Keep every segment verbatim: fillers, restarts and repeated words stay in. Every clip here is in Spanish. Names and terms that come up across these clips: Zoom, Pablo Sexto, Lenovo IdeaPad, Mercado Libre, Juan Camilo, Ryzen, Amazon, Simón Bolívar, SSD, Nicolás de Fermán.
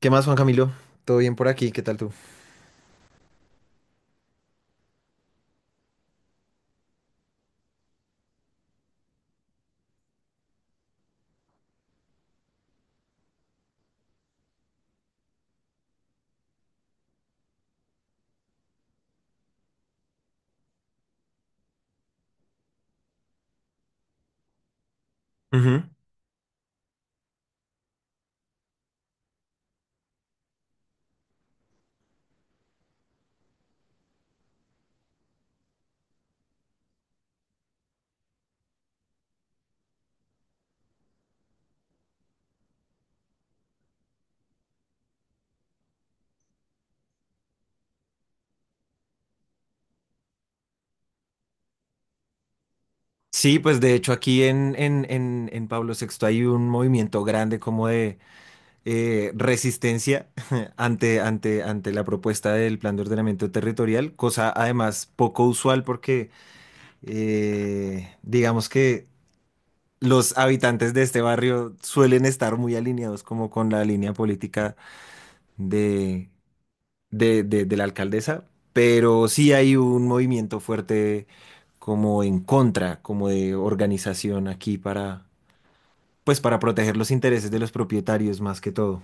¿Qué más, Juan Camilo? ¿Todo bien por aquí? ¿Qué tal tú? Ujú. Sí, pues de hecho aquí en, en, en, en Pablo Sexto hay un movimiento grande como de eh, resistencia ante, ante, ante la propuesta del plan de ordenamiento territorial, cosa además poco usual porque eh, digamos que los habitantes de este barrio suelen estar muy alineados como con la línea política de de, de- de la alcaldesa, pero sí hay un movimiento fuerte como en contra, como de organización aquí para, pues para proteger los intereses de los propietarios más que todo.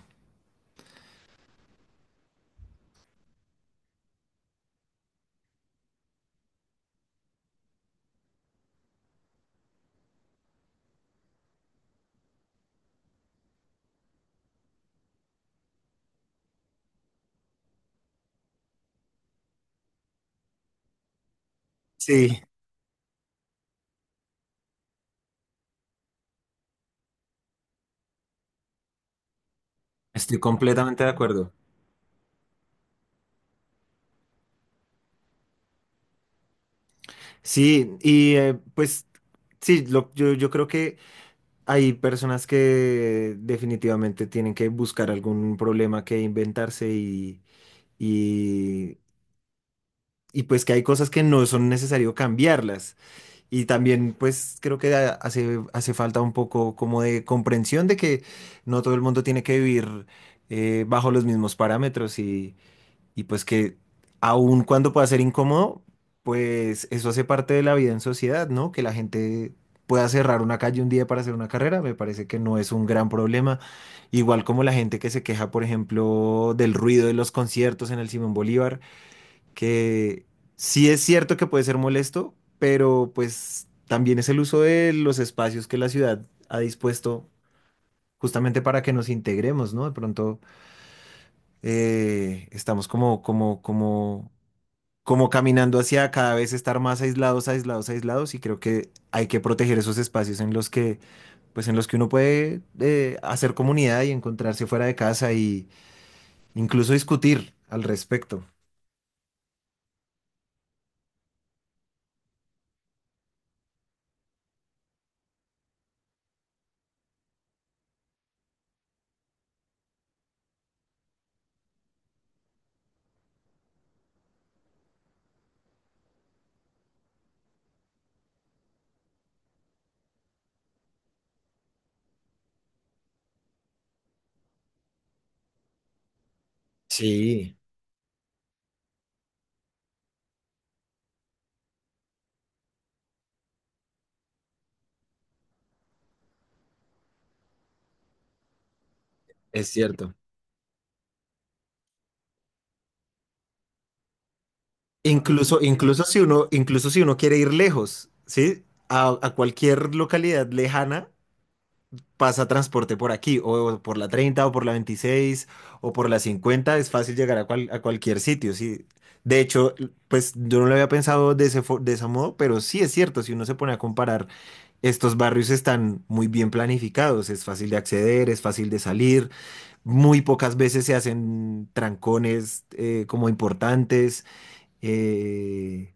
Sí. Estoy completamente de acuerdo. Sí, y eh, pues sí, lo- yo, yo creo que hay personas que definitivamente tienen que buscar algún problema que inventarse, y, y, y pues que hay cosas que no son necesario cambiarlas. Y también, pues, creo que a- hace, hace falta un poco como de comprensión de que no todo el mundo tiene que vivir eh, bajo los mismos parámetros y, y pues que aun cuando pueda ser incómodo, pues eso hace parte de la vida en sociedad, ¿no? Que la gente pueda cerrar una calle un día para hacer una carrera, me parece que no es un gran problema. Igual como la gente que se queja, por ejemplo, del ruido de los conciertos en el Simón Bolívar, que sí es cierto que puede ser molesto, pero pues también es el uso de los espacios que la ciudad ha dispuesto justamente para que nos integremos, ¿no? De pronto eh, estamos como, como, como, como caminando hacia cada vez estar más aislados, aislados, aislados, y creo que hay que proteger esos espacios en los que, pues en los que uno puede eh, hacer comunidad y encontrarse fuera de casa y incluso discutir al respecto. Sí, es cierto. Incluso, incluso si uno, incluso si uno quiere ir lejos, ¿sí? A, a cualquier localidad lejana pasa transporte por aquí, o por la treinta o por la veintiséis o por la cincuenta. Es fácil llegar a, cual- a cualquier sitio, ¿sí? De hecho, pues yo no lo había pensado de ese, fo- de ese modo, pero sí es cierto, si uno se pone a comparar, estos barrios están muy bien planificados, es fácil de acceder, es fácil de salir, muy pocas veces se hacen trancones eh, como importantes. eh,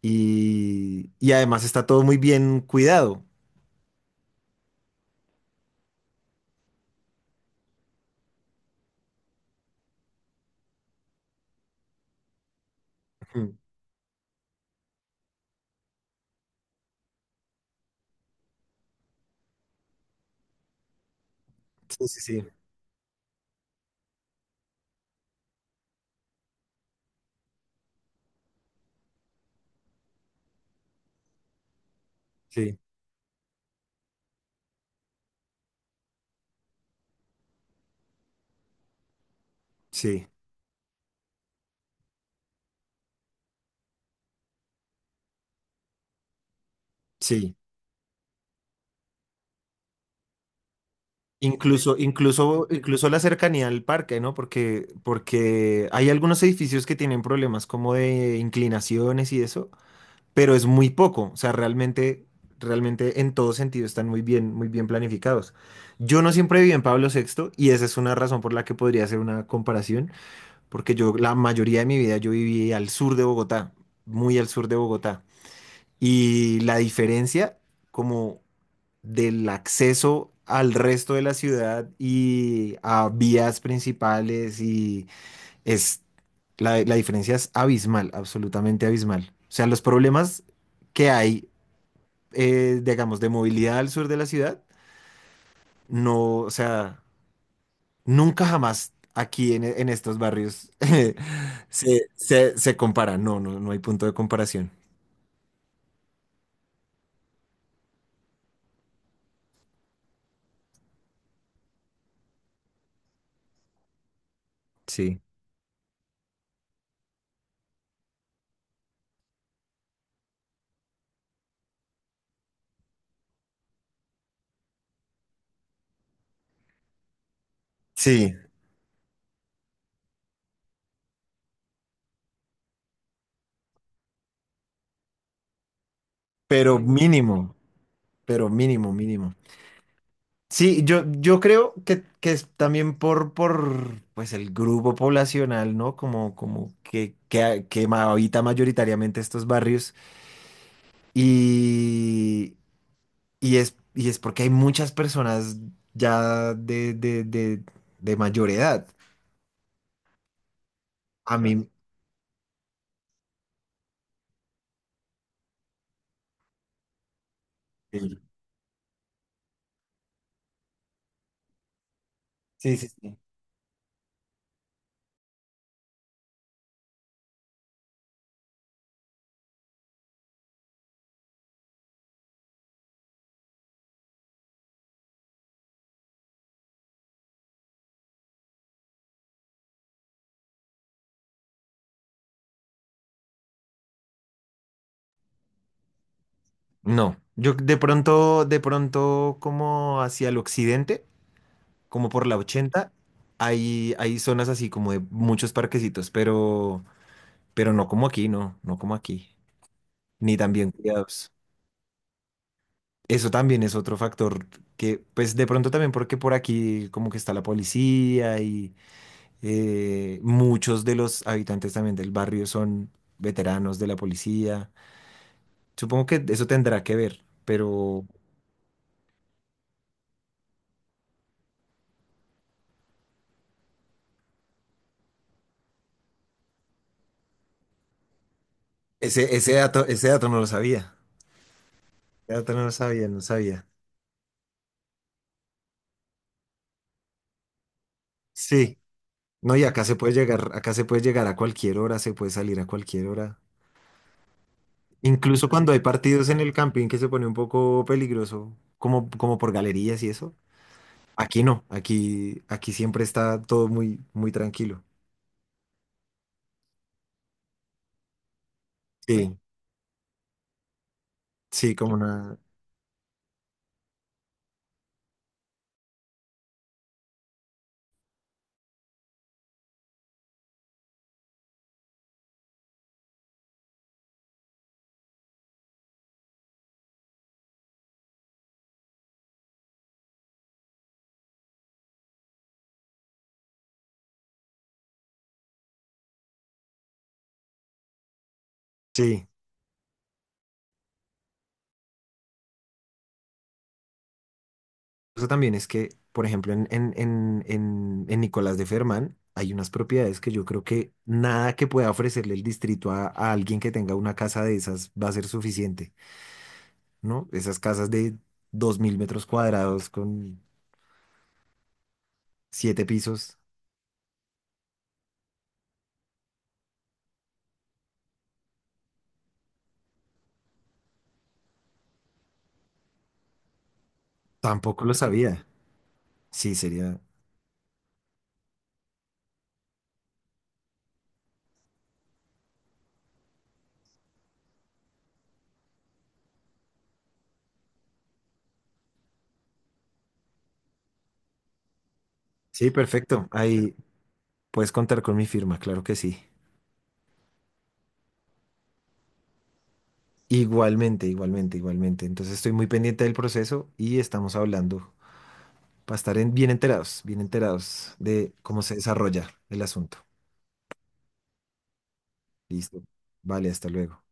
y, y además está todo muy bien cuidado. Ujú. Sí, sí, sí, sí, sí, sí. Incluso, incluso, incluso la cercanía al parque, ¿no? Porque, porque hay algunos edificios que tienen problemas como de inclinaciones y eso, pero es muy poco. O sea, realmente, realmente en todo sentido están muy bien, muy bien planificados. Yo no siempre viví en Pablo Sexto y esa es una razón por la que podría hacer una comparación, porque yo la mayoría de mi vida yo viví al sur de Bogotá, muy al sur de Bogotá. Y la diferencia como del acceso al resto de la ciudad y a vías principales, y es la, la diferencia es abismal, absolutamente abismal. O sea, los problemas que hay, eh, digamos, de movilidad al sur de la ciudad, no, o sea, nunca jamás aquí en, en estos barrios se, se, se compara. No, no, no hay punto de comparación. Sí. Sí, pero mínimo. Pero mínimo, mínimo. Sí, yo, yo creo que, que es también por, por pues el grupo poblacional, ¿no? Como, como que, que, que ma- habita mayoritariamente estos barrios. Y, y es, y es porque hay muchas personas ya de, de, de, de mayor edad. A mí, Sí. Sí, sí, sí. No. Yo de pronto, de pronto, como hacia el occidente, como por la ochenta, hay, hay zonas así como de muchos parquecitos, pero, pero no como aquí, no, no como aquí, ni tan bien cuidados. Eso también es otro factor que, pues de pronto también porque por aquí como que está la policía y eh, muchos de los habitantes también del barrio son veteranos de la policía. Supongo que eso tendrá que ver, pero ese, ese dato, ese dato no lo sabía. Ese dato no lo sabía, no sabía. Sí. No, y acá se puede llegar, acá se puede llegar a cualquier hora, se puede salir a cualquier hora. Incluso cuando hay partidos en el camping, que se pone un poco peligroso, como, como por galerías y eso. Aquí no, aquí, aquí siempre está todo muy, muy tranquilo. Sí, sí, como una. Sí. Eso también es que, por ejemplo, en, en, en, en, en Nicolás de Fermán hay unas propiedades que yo creo que nada que pueda ofrecerle el distrito a, a alguien que tenga una casa de esas va a ser suficiente, ¿no? Esas casas de dos mil metros cuadrados con siete pisos. Tampoco lo sabía. Sí, sería. Sí, perfecto. Ahí puedes contar con mi firma, claro que sí. Igualmente, igualmente, igualmente. Entonces estoy muy pendiente del proceso y estamos hablando para estar en- bien enterados, bien enterados de cómo se desarrolla el asunto. Listo. Vale, hasta luego.